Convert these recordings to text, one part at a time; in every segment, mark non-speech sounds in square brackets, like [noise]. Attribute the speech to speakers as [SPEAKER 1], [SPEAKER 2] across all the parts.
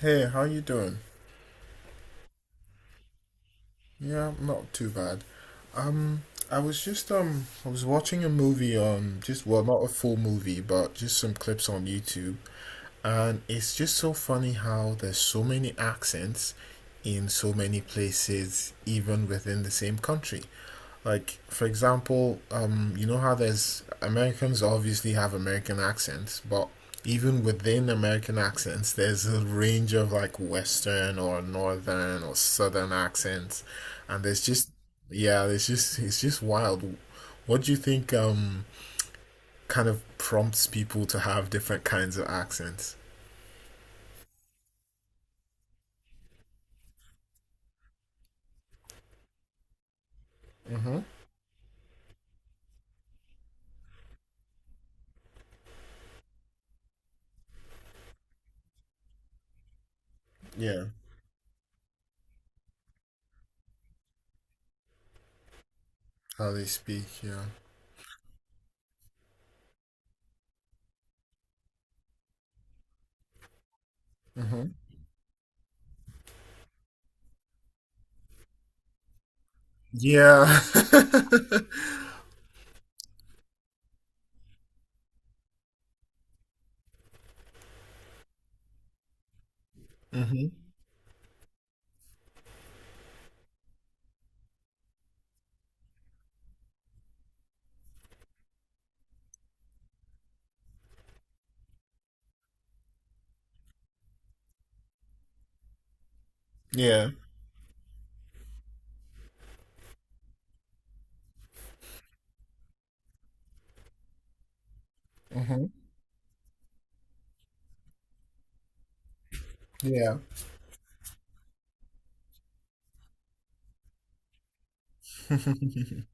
[SPEAKER 1] Hey, how you doing? Yeah, I'm not too bad. Um, I was just I was watching a movie on just well, not a full movie, but just some clips on YouTube, and it's just so funny how there's so many accents in so many places, even within the same country. Like, for example, you know how there's Americans obviously have American accents, but even within American accents, there's a range of like Western or Northern or Southern accents, and there's just it's just wild. What do you think kind of prompts people to have different kinds of accents? Mm-hmm. Yeah. How they speak, yeah. Mm-hmm. Yeah. [laughs] Mm-hmm. Yeah. mm-hmm. Yeah. [laughs]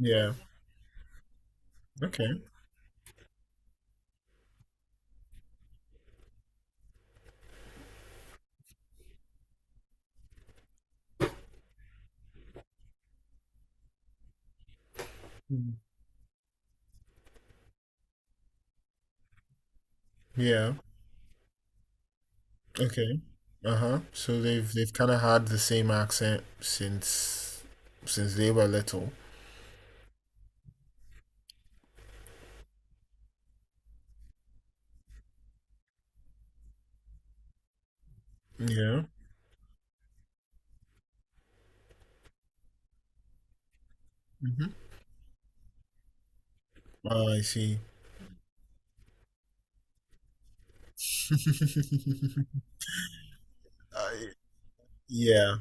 [SPEAKER 1] Yeah. Okay. Yeah. Okay. Uh huh. So they've kind of had the same accent since they were little. Yeah. Mm-hmm. Oh, I see. [laughs] I, yeah.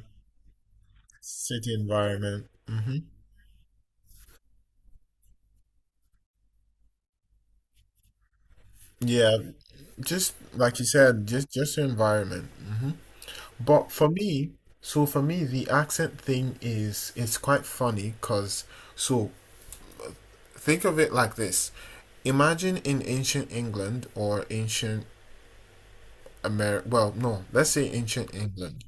[SPEAKER 1] City environment. Mm-hmm. Yeah. Just like you said, just the environment. Mm-hmm. But for me, so for me, the accent thing is it's quite funny because so think of it like this. Imagine in ancient England or ancient America. Well, no, let's say ancient England.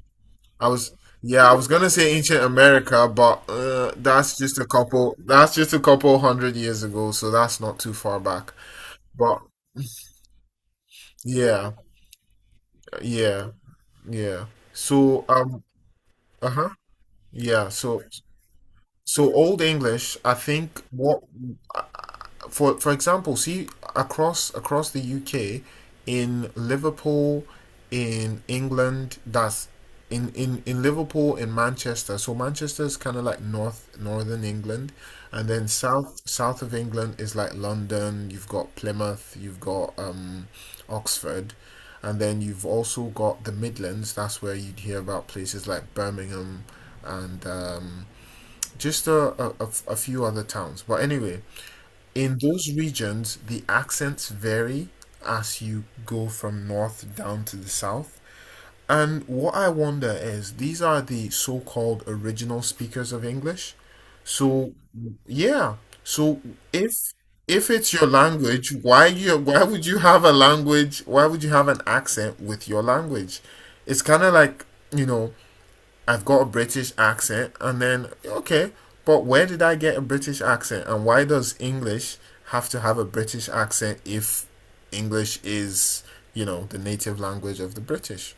[SPEAKER 1] I was yeah, I was gonna say ancient America, but that's just a couple. That's just a couple hundred years ago, so that's not too far back. But yeah, yeah, yeah. So uh-huh. Yeah, so Old English, I think what for example, see across the UK, in Liverpool, in England, that's in Liverpool in Manchester. So Manchester is kind of like north northern England, and then south south of England is like London. You've got Plymouth, you've got Oxford, and then you've also got the Midlands. That's where you'd hear about places like Birmingham, and just a a few other towns. But anyway, in those regions, the accents vary as you go from north down to the south. And what I wonder is these are the so called original speakers of English. So, yeah. So if if it's your language, why you why would you have a language? Why would you have an accent with your language? It's kind of like, you know, I've got a British accent, and then okay, but where did I get a British accent, and why does English have to have a British accent if English is, you know, the native language of the British?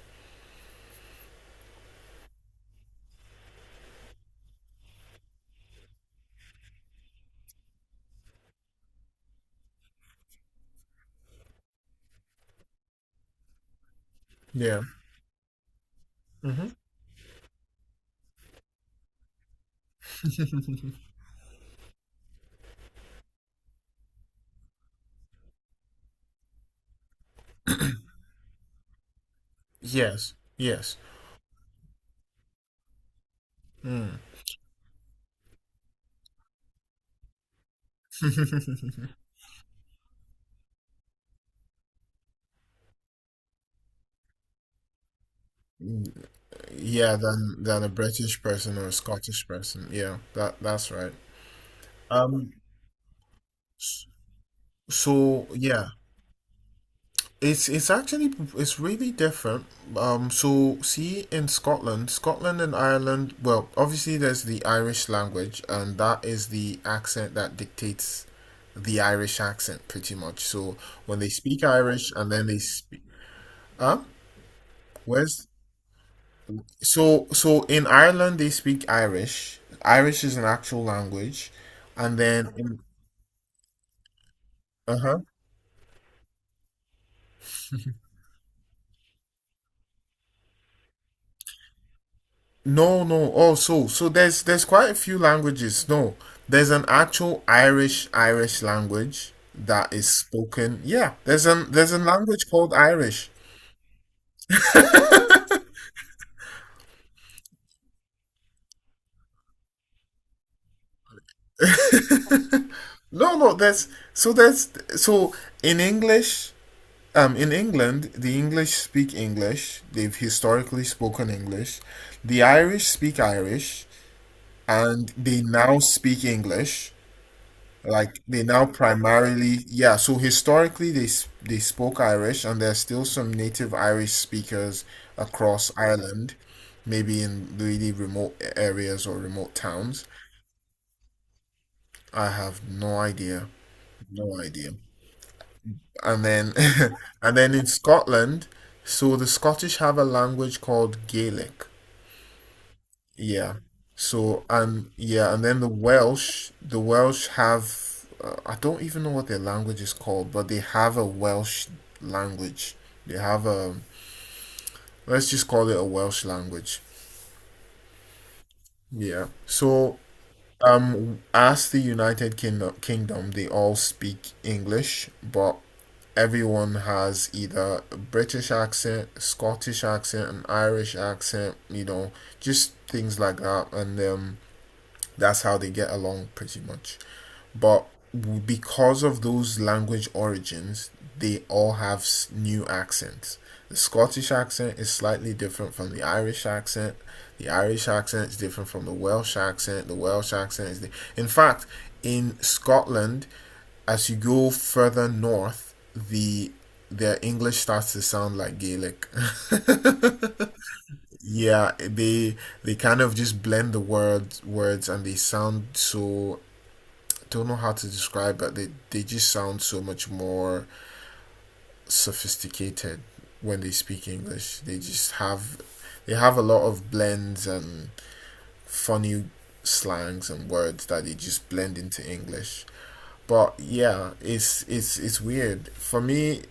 [SPEAKER 1] Yeah. Mm-hmm. [laughs] yes. Yes. Mm. [laughs] yeah, than a British person or a Scottish person. Yeah, that that's right. Um. So yeah, it's actually it's really different. So see in Scotland, Scotland and Ireland, well, obviously there's the Irish language, and that is the accent that dictates the Irish accent pretty much. So when they speak Irish and then they speak, huh? Where's so so in Ireland they speak Irish. Irish is an actual language, and then in, uh no, no. Oh, so so there's quite a few languages. No, there's an actual Irish Irish language that is spoken. Yeah, there's an there's a language called Irish. No, no. There's so in English, in England, the English speak English. They've historically spoken English. The Irish speak Irish, and they now speak English. Like they now primarily, yeah, so historically they s- they spoke Irish and there's still some native Irish speakers across Ireland, maybe in really remote areas or remote towns. I have no idea. No idea. And then [laughs] and then in Scotland, so the Scottish have a language called Gaelic. Yeah. So and yeah, and then the Welsh have I don't even know what their language is called, but they have a Welsh language. They have a let's just call it a Welsh language. Yeah. So as the United Kingdom, Kingdom, they all speak English, but everyone has either a British accent, Scottish accent, an Irish accent, you know, just things like that. And that's how they get along pretty much. But because of those language origins, they all have new accents. The Scottish accent is slightly different from the Irish accent. The Irish accent is different from the Welsh accent. The Welsh accent is. The, in fact, in Scotland, as you go further north, the their English starts to sound like Gaelic. [laughs] yeah, they kind of just blend the word words and they sound so don't know how to describe but they just sound so much more sophisticated when they speak english they just have they have a lot of blends and funny slangs and words that they just blend into english but yeah it's weird for me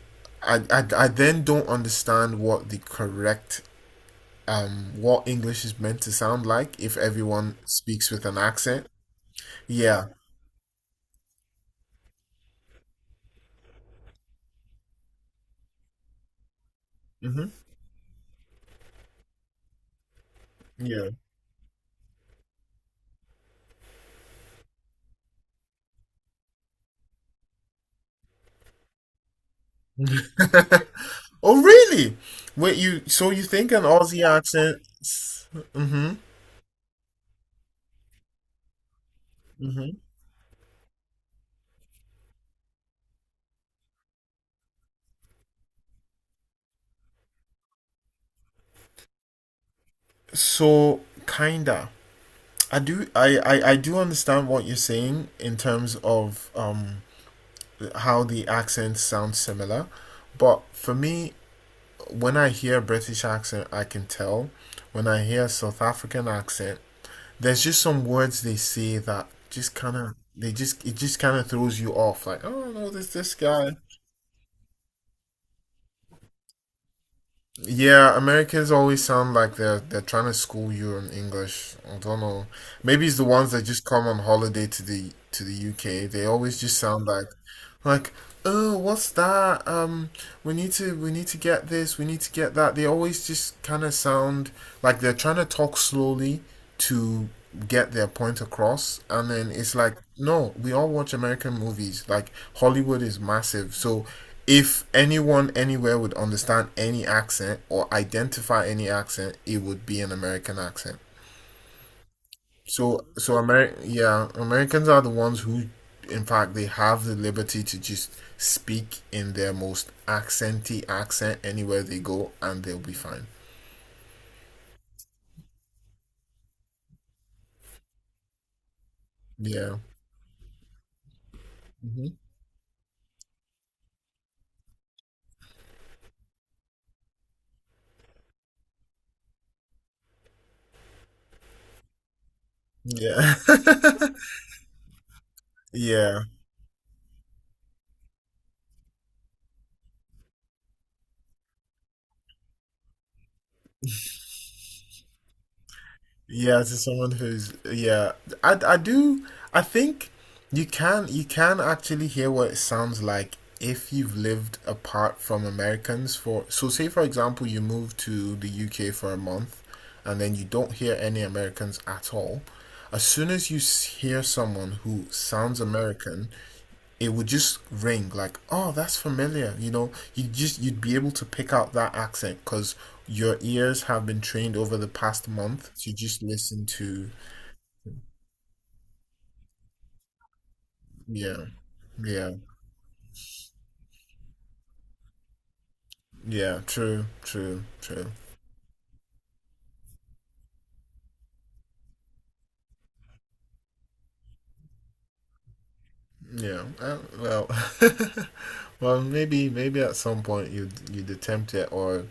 [SPEAKER 1] I then don't understand what the correct what english is meant to sound like if everyone speaks with an accent yeah mm-hmm. yeah [laughs] Oh, really? Wait, you so you think an Aussie accent? Mm-hmm. Mm-hmm. So kinda. I do understand what you're saying in terms of how the accents sound similar, but for me, when I hear a British accent, I can tell. When I hear a South African accent, there's just some words they say that just kind of they just it just kind of throws you off. Like, oh no, this guy. Yeah, Americans always sound like they're trying to school you in English. I don't know. Maybe it's the ones that just come on holiday to the UK. They always just sound like, "Oh, what's that? We need to get this, we need to get that." They always just kind of sound like they're trying to talk slowly to get their point across. And then it's like, "No, we all watch American movies. Like Hollywood is massive. So if anyone anywhere would understand any accent or identify any accent, it would be an American accent. So, Americans are the ones who, in fact, they have the liberty to just speak in their most accenty accent anywhere they go, and they'll be fine. Yeah. hmm Yeah. [laughs] yeah. Yeah, to someone who's yeah, I I do I think you can actually hear what it sounds like if you've lived apart from Americans for so say for example you move to the UK for a month and then you don't hear any Americans at all. As soon as you s- hear someone who sounds American, it would just ring like, oh, that's familiar. You know, you just you'd be able to pick out that accent because your ears have been trained over the past month to just listen to yeah yeah yeah true true true yeah well [laughs] well maybe maybe at some point you'd you'd attempt it or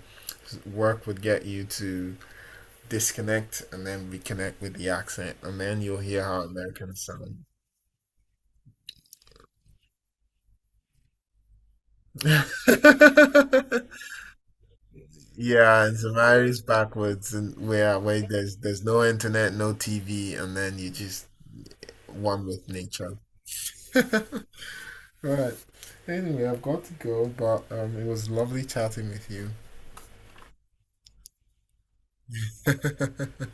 [SPEAKER 1] work would get you to disconnect and then reconnect with the accent and then you'll hear how Americans sound [laughs] yeah and it varies backwards and where there's no internet no TV and then you just one with nature. Right. Anyway, I've got to go, but it was lovely chatting with you. [laughs]